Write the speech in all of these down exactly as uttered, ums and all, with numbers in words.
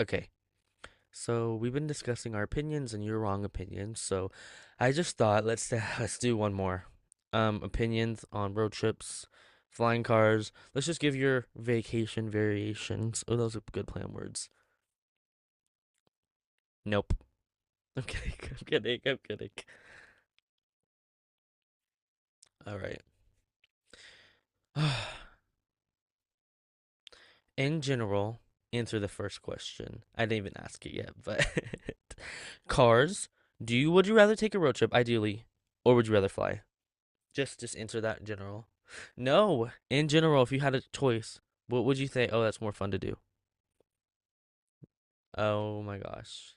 Okay, so we've been discussing our opinions and your wrong opinions. So I just thought let's let's do one more. Um, opinions on road trips, flying cars. Let's just give your vacation variations. Oh, those are good plan words. Nope. I'm kidding. I'm kidding. I'm kidding. All right. In general, answer the first question. I didn't even ask it yet, but cars. Do you would you rather take a road trip, ideally, or would you rather fly? Just just answer that in general. No, in general, if you had a choice, what would you say? Oh, that's more fun to do. Oh my gosh.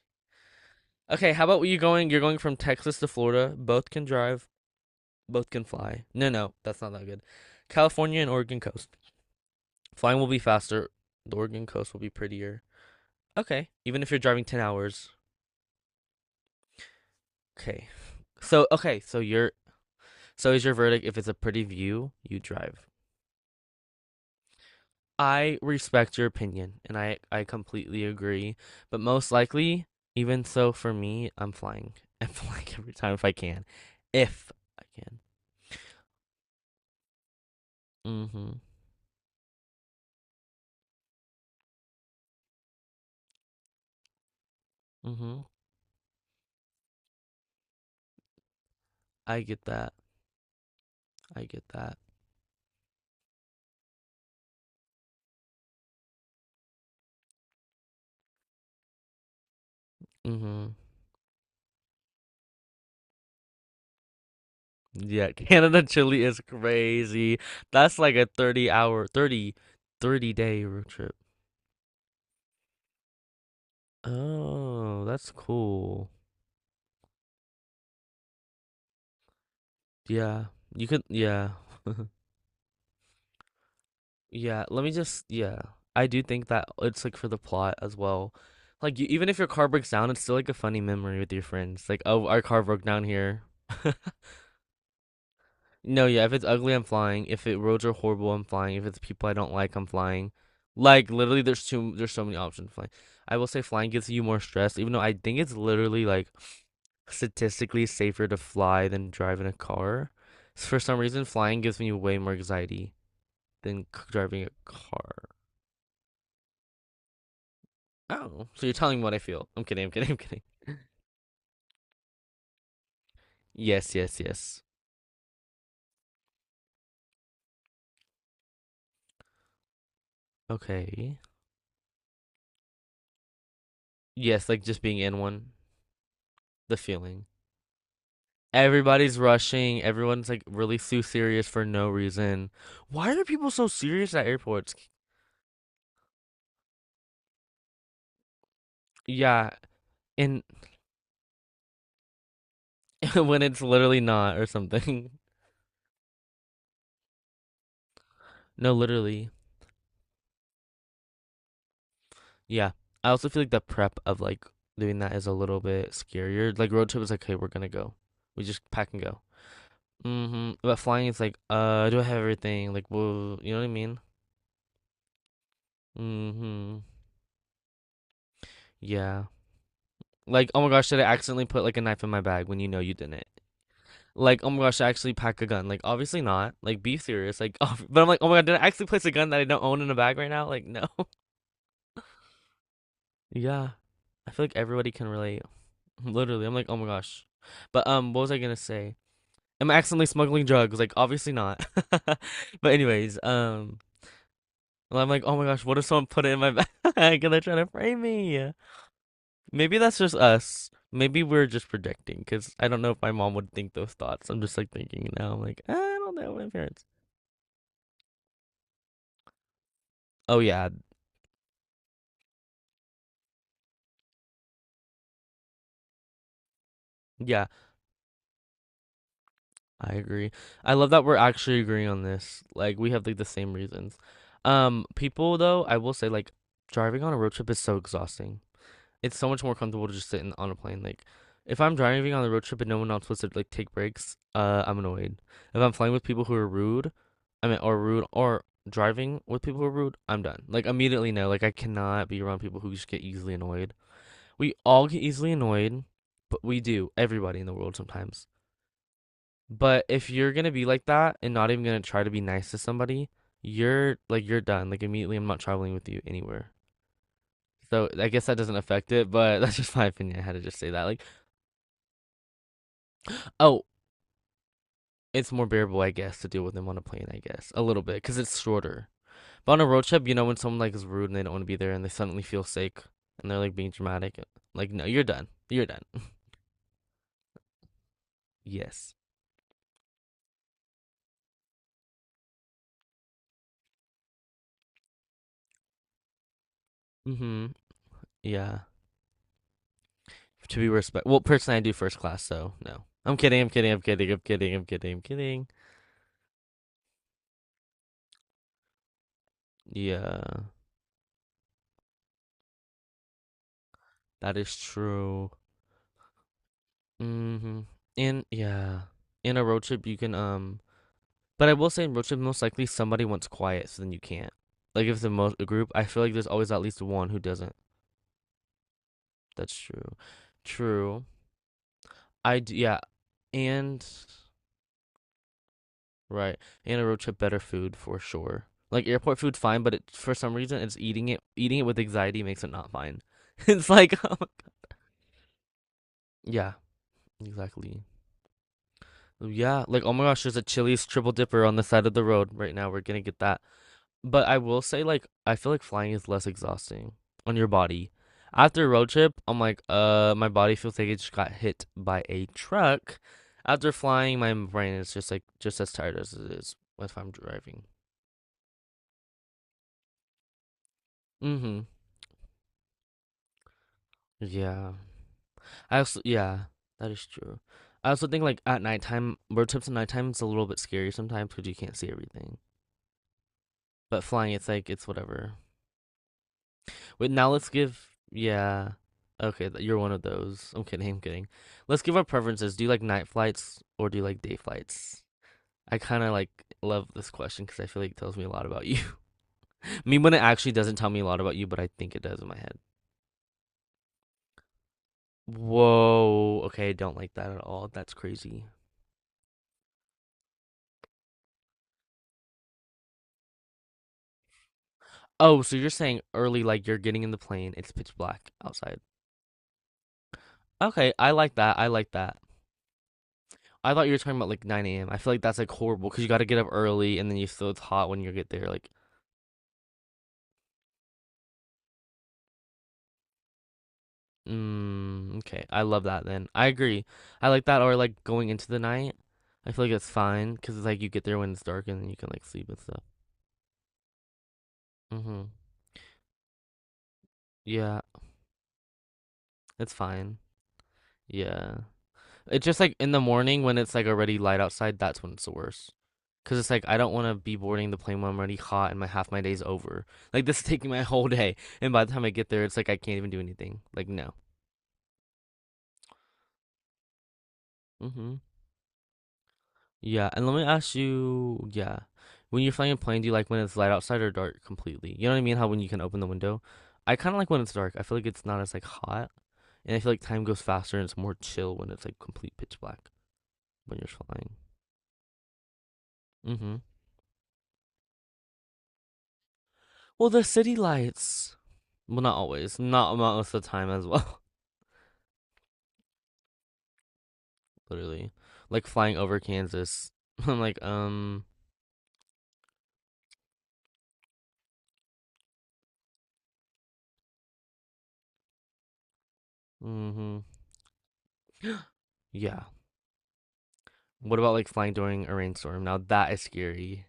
Okay, how about you going? You're going from Texas to Florida. Both can drive. Both can fly. No, no, that's not that good. California and Oregon coast. Flying will be faster. The Oregon coast will be prettier. Okay, even if you're driving ten hours. Okay. So okay, so you're so is your verdict if it's a pretty view, you drive. I respect your opinion and I I completely agree, but most likely, even so for me, I'm flying. I'm flying every time if I can. If I can. Mhm. Mhm. I get that. I get that. Mhm. Yeah, Canada Chile is crazy. That's like a thirty hour thirty, thirty day road trip. Oh, that's cool. Yeah. You could yeah. Yeah, let me just yeah. I do think that it's like for the plot as well. Like you, even if your car breaks down, it's still like a funny memory with your friends. Like, oh, our car broke down here. No, yeah, if it's ugly, I'm flying. If it roads are horrible, I'm flying. If it's people I don't like, I'm flying. Like literally there's too there's so many options flying. I will say flying gets you more stress, even though I think it's literally like statistically safer to fly than drive in a car. For some reason, flying gives me way more anxiety than c- driving a car. Oh, so you're telling me what I feel. I'm kidding, I'm kidding, I'm kidding. Yes, yes, yes. Okay. Yes, like just being in one, the feeling. Everybody's rushing, everyone's like really too serious for no reason. Why are people so serious at airports? Yeah, and when it's literally not or something. No, literally. Yeah. I also feel like the prep of like doing that is a little bit scarier. Like road trip is like, hey, we're gonna go. We just pack and go. Mm-hmm. But flying, it's like, uh, do I have everything? Like, well, you know what I mean? Mm-hmm. Yeah. Like, oh my gosh, did I accidentally put like a knife in my bag when you know you didn't? Like, oh my gosh, I actually pack a gun. Like, obviously not. Like, be serious. Like, oh, but I'm like, oh my god, did I actually place a gun that I don't own in a bag right now? Like, no. Yeah. I feel like everybody can relate. Literally, I'm like, oh my gosh. But um, what was I gonna say? Am I accidentally smuggling drugs? Like, obviously not. But anyways, um, well, I'm like, oh my gosh, what if someone put it in my bag and they're trying to frame me? Maybe that's just us. Maybe we're just projecting, because I don't know if my mom would think those thoughts. I'm just like thinking now, I'm like, I don't know, my parents. Oh yeah, yeah, I agree. I love that we're actually agreeing on this. Like we have like the same reasons. Um, people though, I will say like driving on a road trip is so exhausting. It's so much more comfortable to just sit in, on a plane. Like, if I'm driving on the road trip and no one else wants to like take breaks, uh, I'm annoyed. If I'm flying with people who are rude, I mean, or rude, or driving with people who are rude, I'm done. Like immediately, no. Like I cannot be around people who just get easily annoyed. We all get easily annoyed, but we do. Everybody in the world sometimes. But if you're gonna be like that and not even gonna try to be nice to somebody, you're like you're done. Like immediately, I'm not traveling with you anywhere. So I guess that doesn't affect it, but that's just my opinion. I had to just say that. Like Oh, it's more bearable, I guess, to deal with them on a plane, I guess. A little bit, because it's shorter. But on a road trip, you know, when someone like is rude and they don't want to be there and they suddenly feel sick and they're like being dramatic, like, no, you're done. You're done. Yes. Mm-hmm. Yeah. To be respect. Well, personally, I do first class, so no. I'm kidding. I'm kidding. I'm kidding. I'm kidding. I'm kidding. I'm kidding. Yeah, that is true. Mm-hmm. And yeah, in a road trip, you can, um but I will say in road trip, most likely somebody wants quiet, so then you can't. Like if the most a group, I feel like there's always at least one who doesn't. That's true. True. I d Yeah, and right, and a road trip better food for sure. Like airport food, fine, but it, for some reason, it's eating it eating it with anxiety makes it not fine. It's like, oh my God. Yeah, exactly. Yeah, like oh my gosh, there's a Chili's triple dipper on the side of the road right now. We're gonna get that. But I will say, like, I feel like flying is less exhausting on your body. After a road trip, I'm like, uh, my body feels like it just got hit by a truck. After flying, my brain is just like just as tired as it is if I'm driving. Mm-hmm. Yeah. I also yeah, that is true. I also think like at nighttime, road trips at nighttime it's a little bit scary sometimes because you can't see everything. But flying, it's like it's whatever. Wait, now let's give. Yeah. Okay, th- you're one of those. I'm kidding, I'm kidding. Let's give our preferences. Do you like night flights or do you like day flights? I kind of like love this question because I feel like it tells me a lot about you. I mean, when it actually doesn't tell me a lot about you, but I think it does in my head. Whoa. Okay, I don't like that at all. That's crazy. Oh, so you're saying early, like you're getting in the plane, it's pitch black outside. Okay, I like that. I like that. I thought you were talking about like nine a m. I feel like that's like horrible because you got to get up early and then you still it's hot when you get there. Like, Mm, okay. I love that then. I agree. I like that or like going into the night. I feel like it's fine because it's like you get there when it's dark and then you can like sleep and stuff. Mm-hmm. Yeah, it's fine. Yeah. It's just like in the morning when it's like already light outside, that's when it's the worst. Because it's like I don't want to be boarding the plane when I'm already hot and my half my day's over. Like this is taking my whole day, and by the time I get there, it's like I can't even do anything. Like no. Mm-hmm. Yeah, and let me ask you, yeah, when you're flying a plane, do you like when it's light outside or dark completely? You know what I mean? How when you can open the window? I kind of like when it's dark. I feel like it's not as like hot, and I feel like time goes faster and it's more chill when it's like complete pitch black when you're flying. Mm-hmm. Well, the city lights. Well, not always. Not most of the time as well. Literally, like flying over Kansas. I'm like, um, mm-hmm. Yeah. What about like flying during a rainstorm? Now that is scary.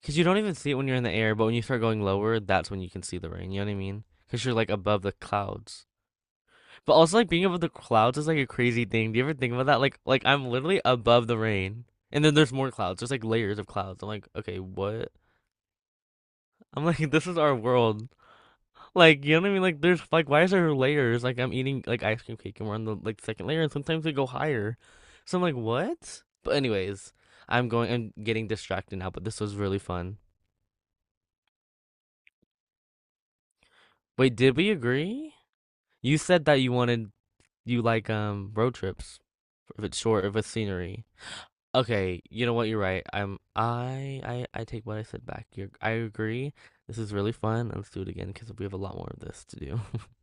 Because you don't even see it when you're in the air, but when you start going lower, that's when you can see the rain. You know what I mean? Because you're like above the clouds. But also like being above the clouds is like a crazy thing. Do you ever think about that? Like like I'm literally above the rain, and then there's more clouds. There's like layers of clouds. I'm like, okay, what? I'm like, this is our world. Like, you know what I mean? Like, there's like, why is there layers? Like, I'm eating like ice cream cake, and we're on the like second layer, and sometimes they go higher. So I'm like, what? But anyways, I'm going. I'm getting distracted now. But this was really fun. Wait, did we agree? You said that you wanted you like um road trips if it's short, if it's scenery. Okay, you know what? You're right. I'm I I I take what I said back. You're I agree. This is really fun. Let's do it again because we have a lot more of this to do.